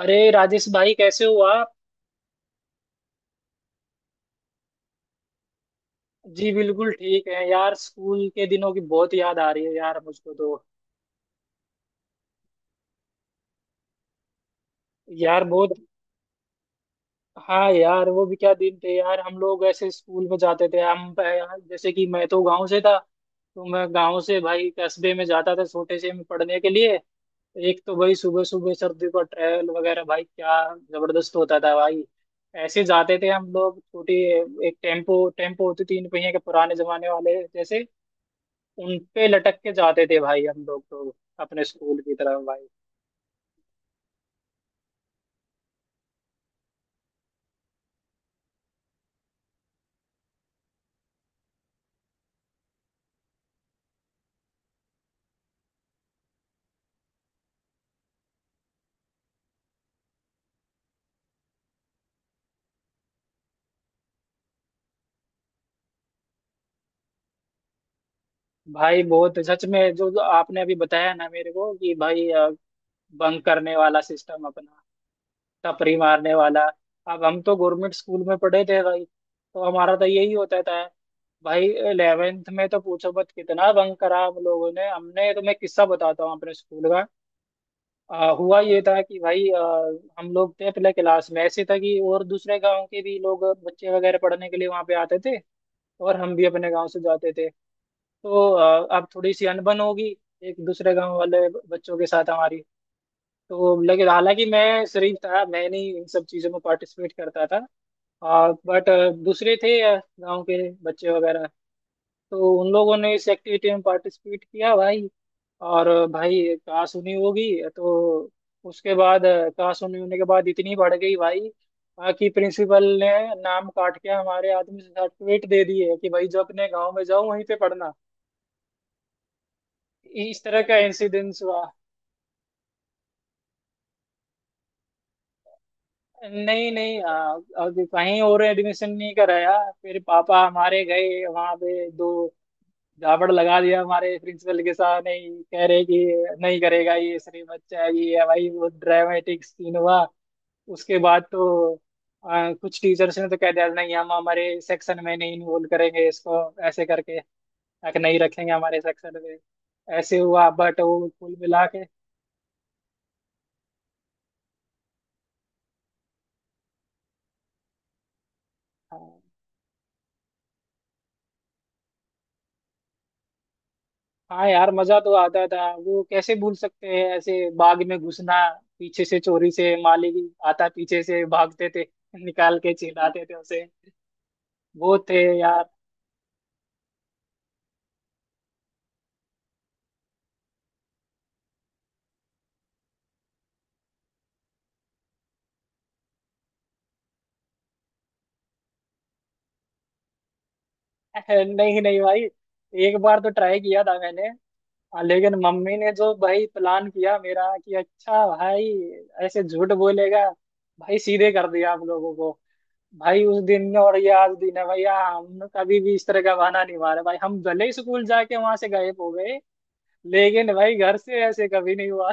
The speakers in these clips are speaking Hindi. अरे राजेश भाई, कैसे हो आप? जी बिल्कुल ठीक है यार। स्कूल के दिनों की बहुत याद आ रही है यार, मुझको तो। यार बहुत। हाँ यार वो भी क्या दिन थे यार। हम लोग ऐसे स्कूल में जाते थे हम यार, जैसे कि मैं तो गांव से था, तो मैं गांव से भाई कस्बे में जाता था छोटे से में पढ़ने के लिए। एक तो भाई सुबह सुबह सर्दी का ट्रैवल वगैरह भाई, क्या जबरदस्त होता था भाई। ऐसे जाते थे हम लोग। छोटी एक टेम्पो टेम्पो होती थी, तीन पहिए के पुराने जमाने वाले जैसे। उन पे लटक के जाते थे भाई हम लोग तो, अपने स्कूल की तरफ भाई। भाई बहुत सच में, जो जो आपने अभी बताया ना मेरे को कि भाई, बंक करने वाला सिस्टम अपना, टपरी मारने वाला। अब हम तो गवर्नमेंट स्कूल में पढ़े थे भाई, तो हमारा तो यही होता था। भाई इलेवेंथ में तो पूछो मत कितना बंक करा हम लोगों ने। हमने तो, मैं किस्सा बताता हूँ अपने स्कूल का। हुआ ये था कि भाई, हम लोग थे पहले क्लास में। ऐसे था कि और दूसरे गांव के भी लोग बच्चे वगैरह पढ़ने के लिए वहां पे आते थे, और हम भी अपने गांव से जाते थे। तो अब थोड़ी सी अनबन होगी एक दूसरे गांव वाले बच्चों के साथ हमारी। तो लेकिन हालांकि मैं शरीफ था, मैं नहीं इन सब चीज़ों में पार्टिसिपेट करता था। बट दूसरे थे गांव के बच्चे वगैरह, तो उन लोगों ने इस एक्टिविटी में पार्टिसिपेट किया भाई। और भाई काश उन्हीं होगी। तो उसके बाद काश उन्हीं होने के बाद इतनी बढ़ गई भाई, बाकी प्रिंसिपल ने नाम काट के हमारे आदमी सर्टिफिकेट दे दिए कि भाई जो अपने गांव में जाओ वहीं पे पढ़ना। इस तरह का इंसिडेंस हुआ। नहीं नहीं, अभी कहीं और एडमिशन नहीं कराया। फिर पापा हमारे गए वहां पे, दो दावड़ लगा दिया हमारे प्रिंसिपल के साथ। नहीं कह रहे कि नहीं करेगा ये, सिर्फ बच्चा है ये, है भाई वो ड्रामेटिक सीन हुआ। उसके बाद तो कुछ टीचर्स ने तो कह दिया नहीं हम हमारे सेक्शन में नहीं इन्वॉल्व करेंगे इसको, ऐसे करके, ताकि नहीं रखेंगे हमारे सेक्शन में। ऐसे हुआ बट वो कुल मिला के। हाँ, हाँ यार मजा तो आता था। वो कैसे भूल सकते हैं, ऐसे बाग में घुसना, पीछे से चोरी से, माली आता पीछे से भागते थे, निकाल के चिल्लाते थे उसे। वो थे यार। नहीं नहीं भाई, एक बार तो ट्राई किया था मैंने। हाँ, लेकिन मम्मी ने जो भाई प्लान किया मेरा कि अच्छा भाई ऐसे झूठ बोलेगा, भाई सीधे कर दिया आप लोगों को। भाई उस दिन में और ये आज दिन है भैया, हमने कभी भी इस तरह का बहाना नहीं मारा भाई। हम भले ही स्कूल जाके वहां से गायब हो गए, लेकिन भाई घर से ऐसे कभी नहीं हुआ।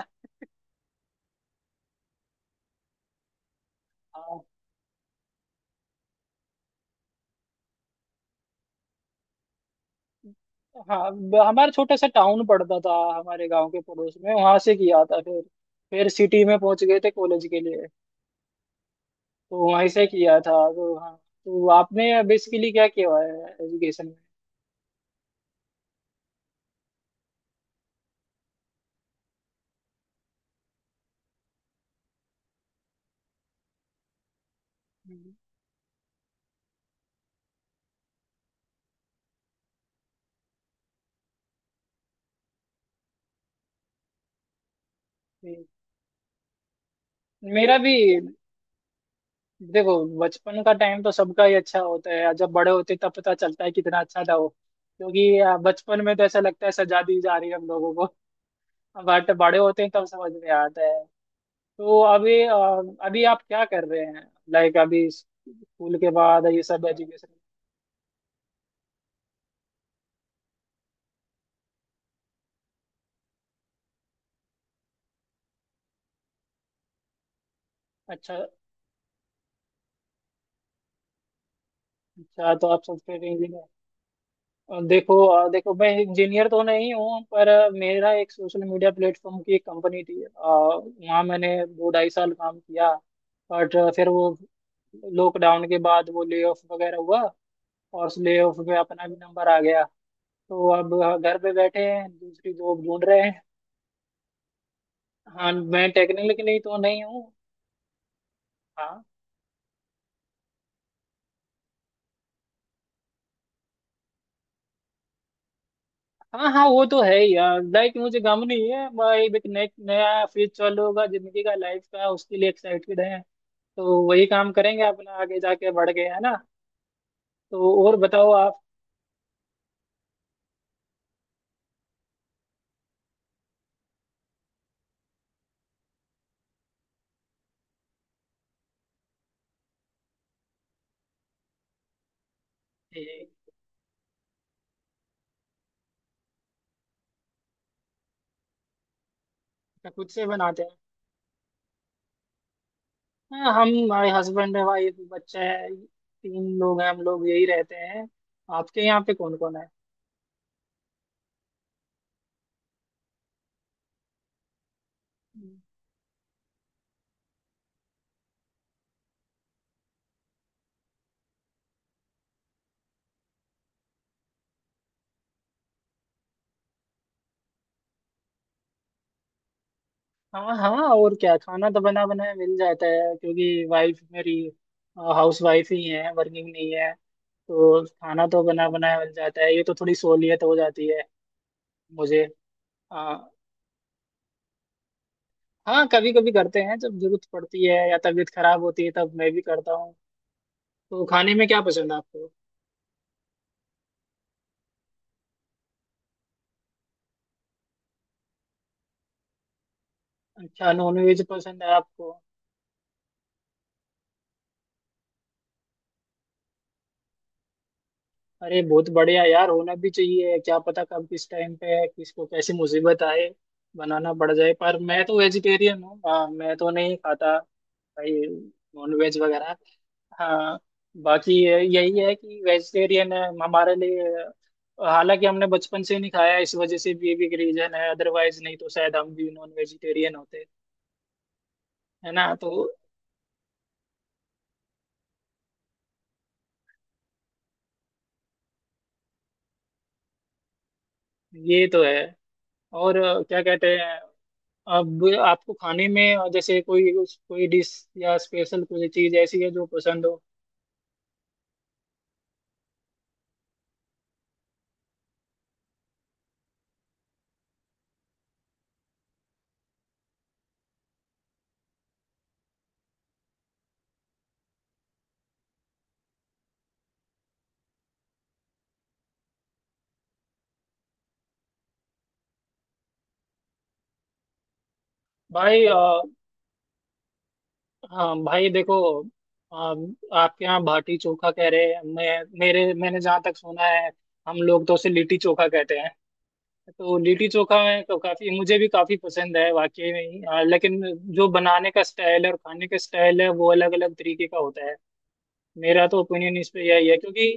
हाँ, हाँ हमारा छोटा सा टाउन पड़ता था हमारे गांव के पड़ोस में, वहां से किया था फिर। फिर सिटी में पहुंच गए थे कॉलेज के लिए। तो वहीं से किया था, तो हाँ। तो आपने बेसिकली क्या किया है एजुकेशन में? हम्म, मेरा भी, देखो बचपन का टाइम तो सबका ही अच्छा होता है। जब बड़े होते तब पता चलता है कितना अच्छा था वो। क्योंकि बचपन में तो ऐसा लगता है सजा दी जा रही है हम लोगों को। बट बड़े होते हैं तब समझ में आता है। तो अभी अभी आप क्या कर रहे हैं? लाइक अभी स्कूल के बाद ये सब एजुकेशन। अच्छा अच्छा, तो आप सॉफ्टवेयर इंजीनियर। और देखो देखो मैं इंजीनियर तो नहीं हूँ, पर मेरा एक सोशल मीडिया प्लेटफॉर्म की एक कंपनी थी। वहाँ मैंने दो ढाई साल काम किया। बट फिर वो लॉकडाउन के बाद वो ले ऑफ वगैरह हुआ, और उस ले ऑफ में अपना भी नंबर आ गया। तो अब घर पे बैठे हैं, दूसरी जॉब ढूंढ रहे हैं। हाँ मैं टेक्निकली तो नहीं हूँ। हाँ। हाँ हाँ वो तो है ही यार। लाइक मुझे गम नहीं है भाई, एक नए नया फेज चालू होगा जिंदगी का लाइफ का, उसके लिए एक्साइटेड है। तो वही काम करेंगे अपना, आगे जाके बढ़ गए है ना। तो और बताओ आप? ए, खुद से बनाते हैं? हाँ, हम हमारे हस्बैंड है भाई, एक बच्चा है, तीन लोग हैं हम लोग, यही रहते हैं। आपके यहाँ पे कौन कौन है? हाँ हाँ और क्या, खाना तो बना बनाया मिल जाता है, क्योंकि वाइफ मेरी हाउस वाइफ ही है, वर्किंग नहीं है। तो खाना तो बना बनाया मिल जाता है, ये तो थोड़ी सहूलियत हो जाती है मुझे। आ, हाँ कभी कभी करते हैं जब जरूरत पड़ती है या तबीयत खराब होती है तब मैं भी करता हूँ। तो खाने में क्या पसंद है आपको? अच्छा, नॉन वेज पसंद है आपको? अरे बहुत बढ़िया यार, होना भी चाहिए, क्या पता कब किस टाइम पे है किसको कैसी मुसीबत आए, बनाना पड़ जाए। पर मैं तो वेजिटेरियन हूँ, हाँ मैं तो नहीं खाता भाई नॉन वेज वगैरह। हाँ बाकी ये यही है कि वेजिटेरियन है हमारे लिए। हालांकि हमने बचपन से नहीं खाया, इस वजह से भी, ये भी एक रीजन है। अदरवाइज नहीं तो शायद हम भी नॉन वेजिटेरियन होते, है ना? तो ये तो है। और क्या कहते हैं, अब आपको खाने में जैसे कोई कोई डिश या स्पेशल कोई चीज ऐसी है जो पसंद हो? भाई हाँ भाई देखो, अ, आपके यहाँ भाटी चोखा कह रहे हैं। मैंने जहाँ तक सुना है हम लोग तो उसे लिट्टी चोखा कहते हैं। तो लिट्टी चोखा में तो काफी, मुझे भी काफी पसंद है वाकई में ही, लेकिन जो बनाने का स्टाइल है और खाने का स्टाइल है वो अलग अलग तरीके का होता है। मेरा तो ओपिनियन इस पे यही है, क्योंकि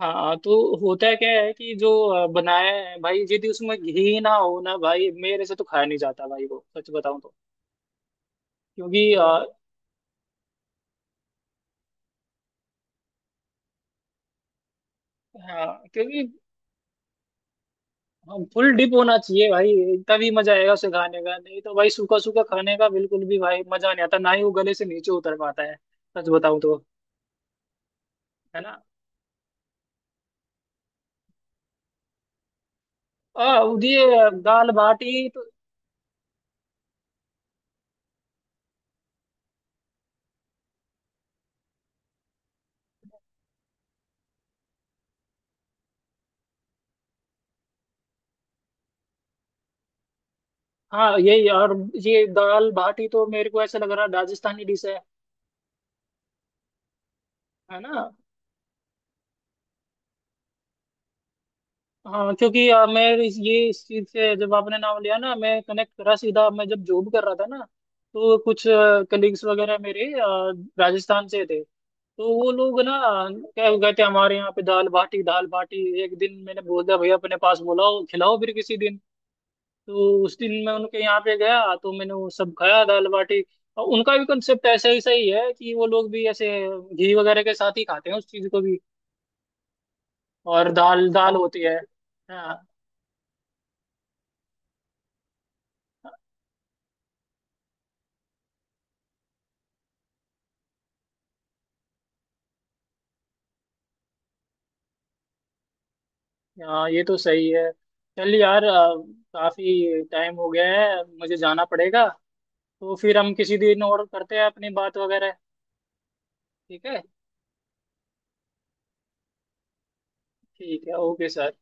हाँ तो होता है क्या है कि जो बनाया है भाई यदि उसमें घी ना हो ना भाई, मेरे से तो खाया नहीं जाता भाई वो, सच बताऊं तो। क्योंकि हाँ क्योंकि फुल डिप होना चाहिए भाई, तभी मजा आएगा उसे खाने का। नहीं तो भाई सूखा सूखा खाने का बिल्कुल भी भाई मजा नहीं आता, ना ही वो गले से नीचे उतर पाता है, सच बताऊं तो, है ना? ये दाल बाटी तो, हाँ यही, और ये दाल बाटी तो मेरे को ऐसा लग रहा है राजस्थानी डिश है ना? हाँ क्योंकि मैं ये इस चीज से जब आपने नाम लिया ना मैं कनेक्ट करा सीधा। मैं जब जॉब कर रहा था ना, तो कुछ कलीग्स वगैरह मेरे राजस्थान से थे। तो वो लोग ना, क्या कहते हैं हमारे यहाँ पे दाल बाटी दाल बाटी। एक दिन मैंने बोल दिया भैया अपने पास बोलाओ खिलाओ फिर किसी दिन। तो उस दिन मैं उनके यहाँ पे गया तो मैंने वो सब खाया दाल बाटी। और उनका भी कंसेप्ट ऐसा ही सही है कि वो लोग भी ऐसे घी वगैरह के साथ ही खाते हैं उस चीज को भी। और दाल दाल होती है। हाँ हाँ ये तो सही है। चल यार काफी टाइम हो गया है, मुझे जाना पड़ेगा। तो फिर हम किसी दिन और करते हैं अपनी बात वगैरह। ठीक है, ठीक है, ओके सर।